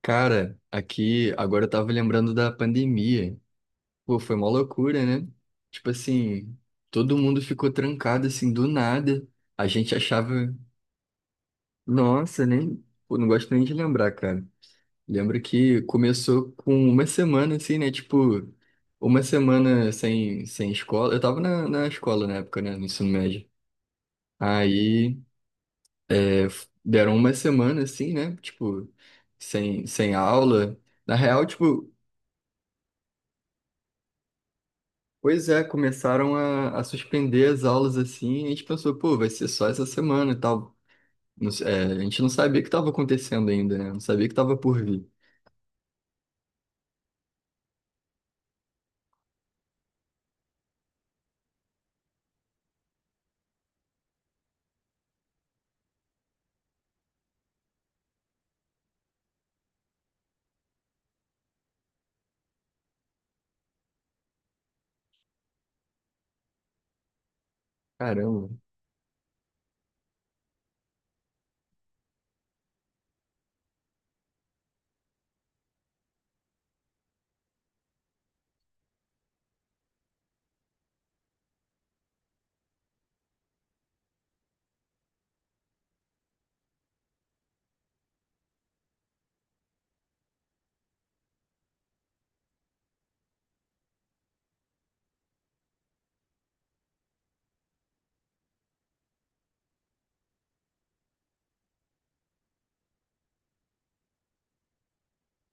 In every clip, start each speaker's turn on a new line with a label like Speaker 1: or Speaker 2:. Speaker 1: Cara, aqui agora eu tava lembrando da pandemia. Pô, foi uma loucura, né? Tipo assim, todo mundo ficou trancado assim do nada. A gente achava, nossa, nem, pô, não gosto nem de lembrar, cara. Lembro que começou com uma semana assim, né? Tipo, uma semana sem escola. Eu tava na escola na época, né? No ensino médio. Aí, é, deram uma semana assim, né? Tipo, sem aula. Na real, tipo, pois é, começaram a suspender as aulas assim, e a gente pensou, pô, vai ser só essa semana e tal. É, a gente não sabia o que estava acontecendo ainda, né? Não sabia o que estava por vir. Caramba.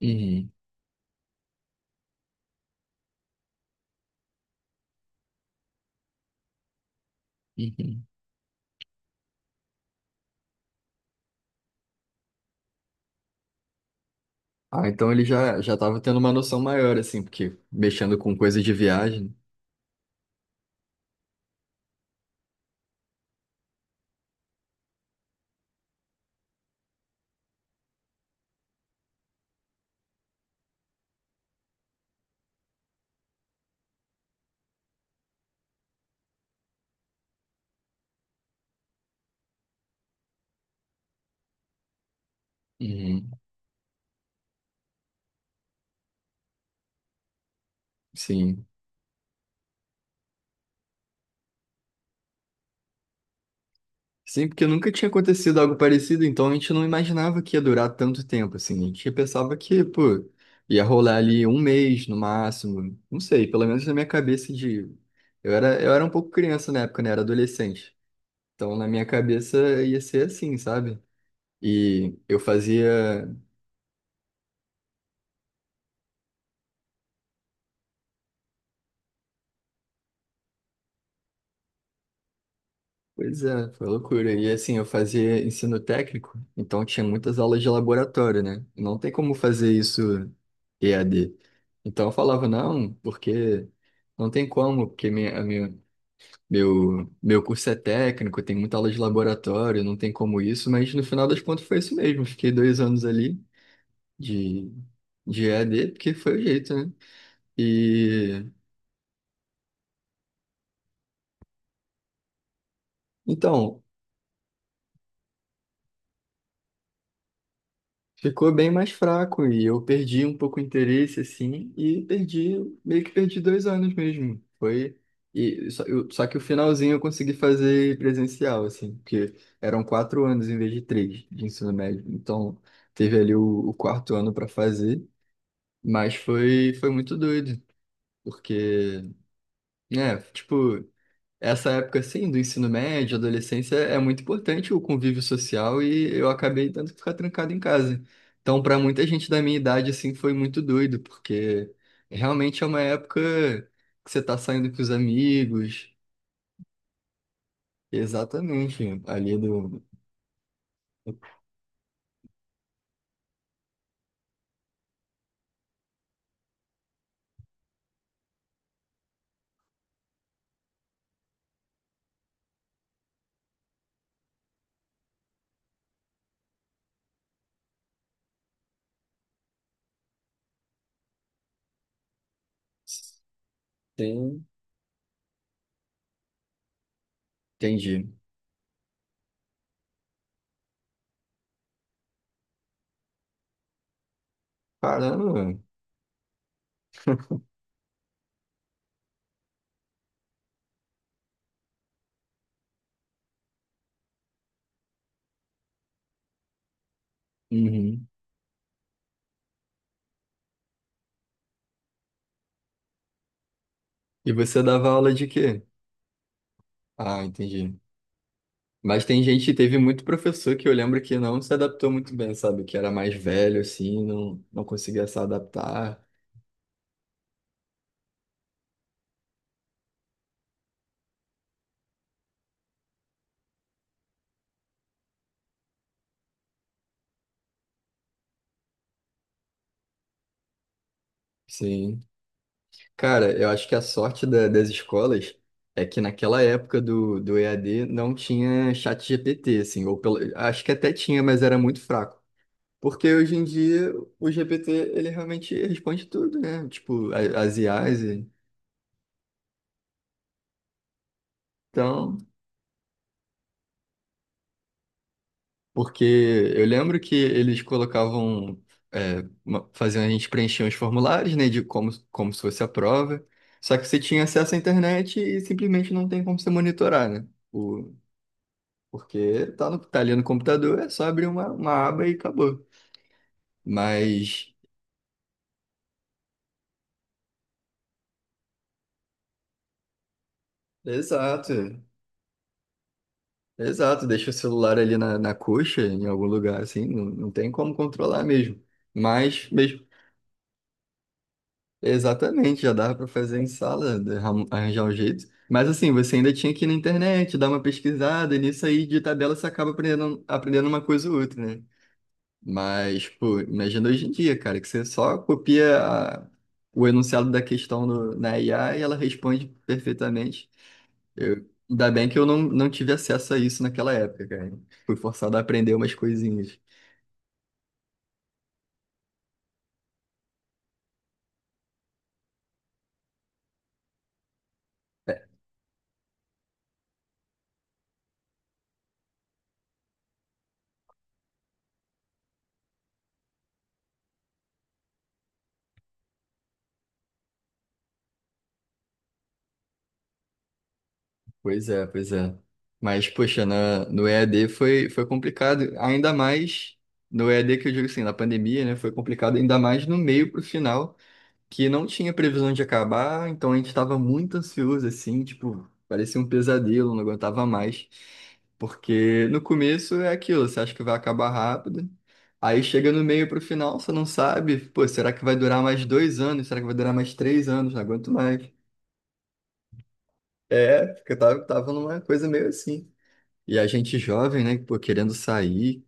Speaker 1: Uhum, uhum. Ah, então ele já estava tendo uma noção maior, assim, porque mexendo com coisas de viagem. Uhum, sim. Sim, porque nunca tinha acontecido algo parecido, então a gente não imaginava que ia durar tanto tempo, assim. A gente pensava que, pô, ia rolar ali um mês no máximo. Não sei, pelo menos na minha cabeça de. Eu era um pouco criança na época, né? Era adolescente. Então na minha cabeça ia ser assim, sabe? E eu fazia. Pois é, foi loucura. E assim, eu fazia ensino técnico, então tinha muitas aulas de laboratório, né? E não tem como fazer isso EAD. Então eu falava, não, porque não tem como, porque minha, a minha, meu curso é técnico, tem muita aula de laboratório, não tem como isso, mas no final das contas foi isso mesmo. Fiquei dois anos ali de, de EAD, porque foi o jeito, né? E então. Ficou bem mais fraco e eu perdi um pouco o interesse, assim, e perdi, meio que perdi dois anos mesmo. Foi, e só, só que o finalzinho eu consegui fazer presencial, assim, porque eram quatro anos em vez de três de ensino médio. Então, teve ali o quarto ano para fazer, mas foi, foi muito doido, porque, né, tipo essa época assim do ensino médio, adolescência, é muito importante o convívio social e eu acabei tendo que ficar trancado em casa. Então, para muita gente da minha idade assim foi muito doido, porque realmente é uma época que você tá saindo com os amigos. Exatamente, ali do sim. Entendi. Caramba. Uhum. E você dava aula de quê? Ah, entendi. Mas tem gente, teve muito professor que eu lembro que não se adaptou muito bem, sabe? Que era mais velho, assim, não, não conseguia se adaptar. Sim. Cara, eu acho que a sorte das escolas é que naquela época do EAD não tinha chat GPT, assim, ou pelo, acho que até tinha, mas era muito fraco. Porque hoje em dia o GPT, ele realmente responde tudo, né? Tipo, as IAs. Então, porque eu lembro que eles colocavam, é, faziam a gente preencher uns formulários, né, de como, como se fosse a prova. Só que você tinha acesso à internet e simplesmente não tem como você monitorar, né? O, porque tá ali no computador, é só abrir uma aba e acabou. Mas, exato, exato. Deixa o celular ali na coxa, em algum lugar, assim, não, não tem como controlar mesmo. Mas, mesmo exatamente, já dava para fazer em sala, arranjar um jeito. Mas assim, você ainda tinha que ir na internet, dar uma pesquisada, e nisso aí de tabela você acaba aprendendo, aprendendo uma coisa ou outra, né? Mas, pô, imagina hoje em dia, cara, que você só copia o enunciado da questão na IA e ela responde perfeitamente. Eu, ainda bem que eu não, não tive acesso a isso naquela época, cara. Fui forçado a aprender umas coisinhas. Pois é, pois é. Mas, poxa, na, no EAD foi, foi complicado, ainda mais no EAD que eu digo assim, na pandemia, né? Foi complicado, ainda mais no meio pro final, que não tinha previsão de acabar, então a gente estava muito ansioso, assim, tipo, parecia um pesadelo, não aguentava mais. Porque no começo é aquilo, você acha que vai acabar rápido, aí chega no meio pro final, você não sabe, pô, será que vai durar mais dois anos? Será que vai durar mais três anos? Não aguento mais. É, porque eu tava numa coisa meio assim. E a gente jovem, né, pô, querendo sair,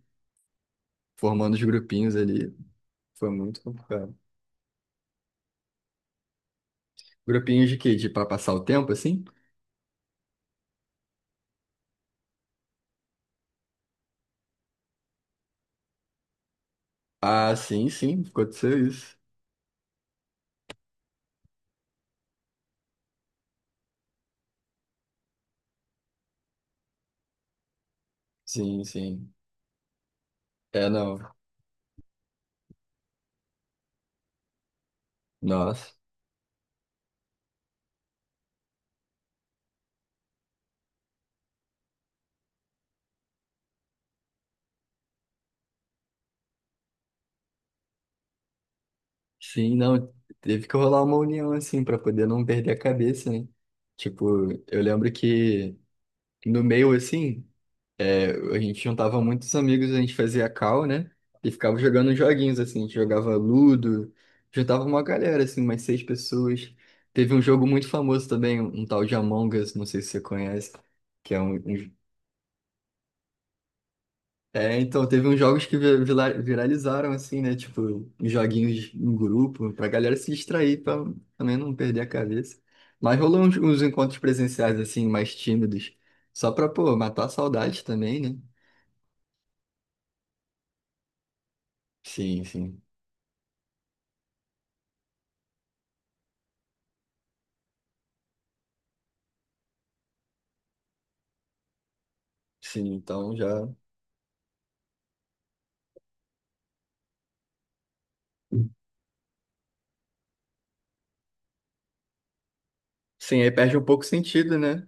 Speaker 1: formando os grupinhos ali, foi muito complicado. Grupinhos de quê? De pra passar o tempo, assim? Ah, sim, sim, aconteceu isso. Sim, sim. É, não. Nossa. Sim, não. Teve que rolar uma união, assim, pra poder não perder a cabeça, né? Tipo, eu lembro que no meio, assim, a gente juntava muitos amigos, a gente fazia call, né? E ficava jogando joguinhos, assim, a gente jogava Ludo, juntava uma galera, assim, umas 6 pessoas. Teve um jogo muito famoso também, um tal de Among Us, não sei se você conhece, que é um... É, então, teve uns jogos que viralizaram, assim, né? Tipo, joguinhos em grupo, pra galera se distrair, pra também não perder a cabeça. Mas rolou uns encontros presenciais, assim, mais tímidos, só pra, pô, matar a saudade também, né? Sim, sim. Sim, então já. Sim, aí perde um pouco o sentido, né?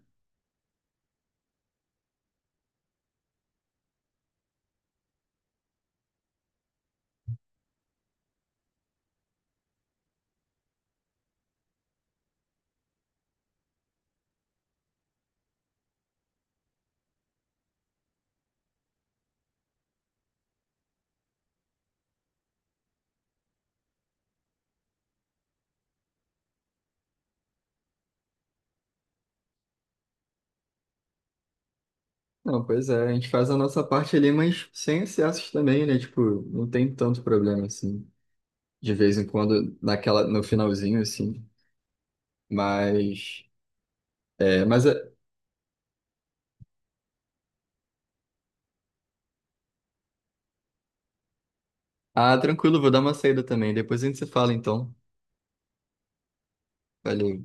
Speaker 1: Não, pois é, a gente faz a nossa parte ali, mas sem excessos também, né? Tipo, não tem tanto problema, assim, de vez em quando, naquela, no finalzinho, assim. Mas, mas, é- ah, tranquilo, vou dar uma saída também. Depois a gente se fala, então. Valeu.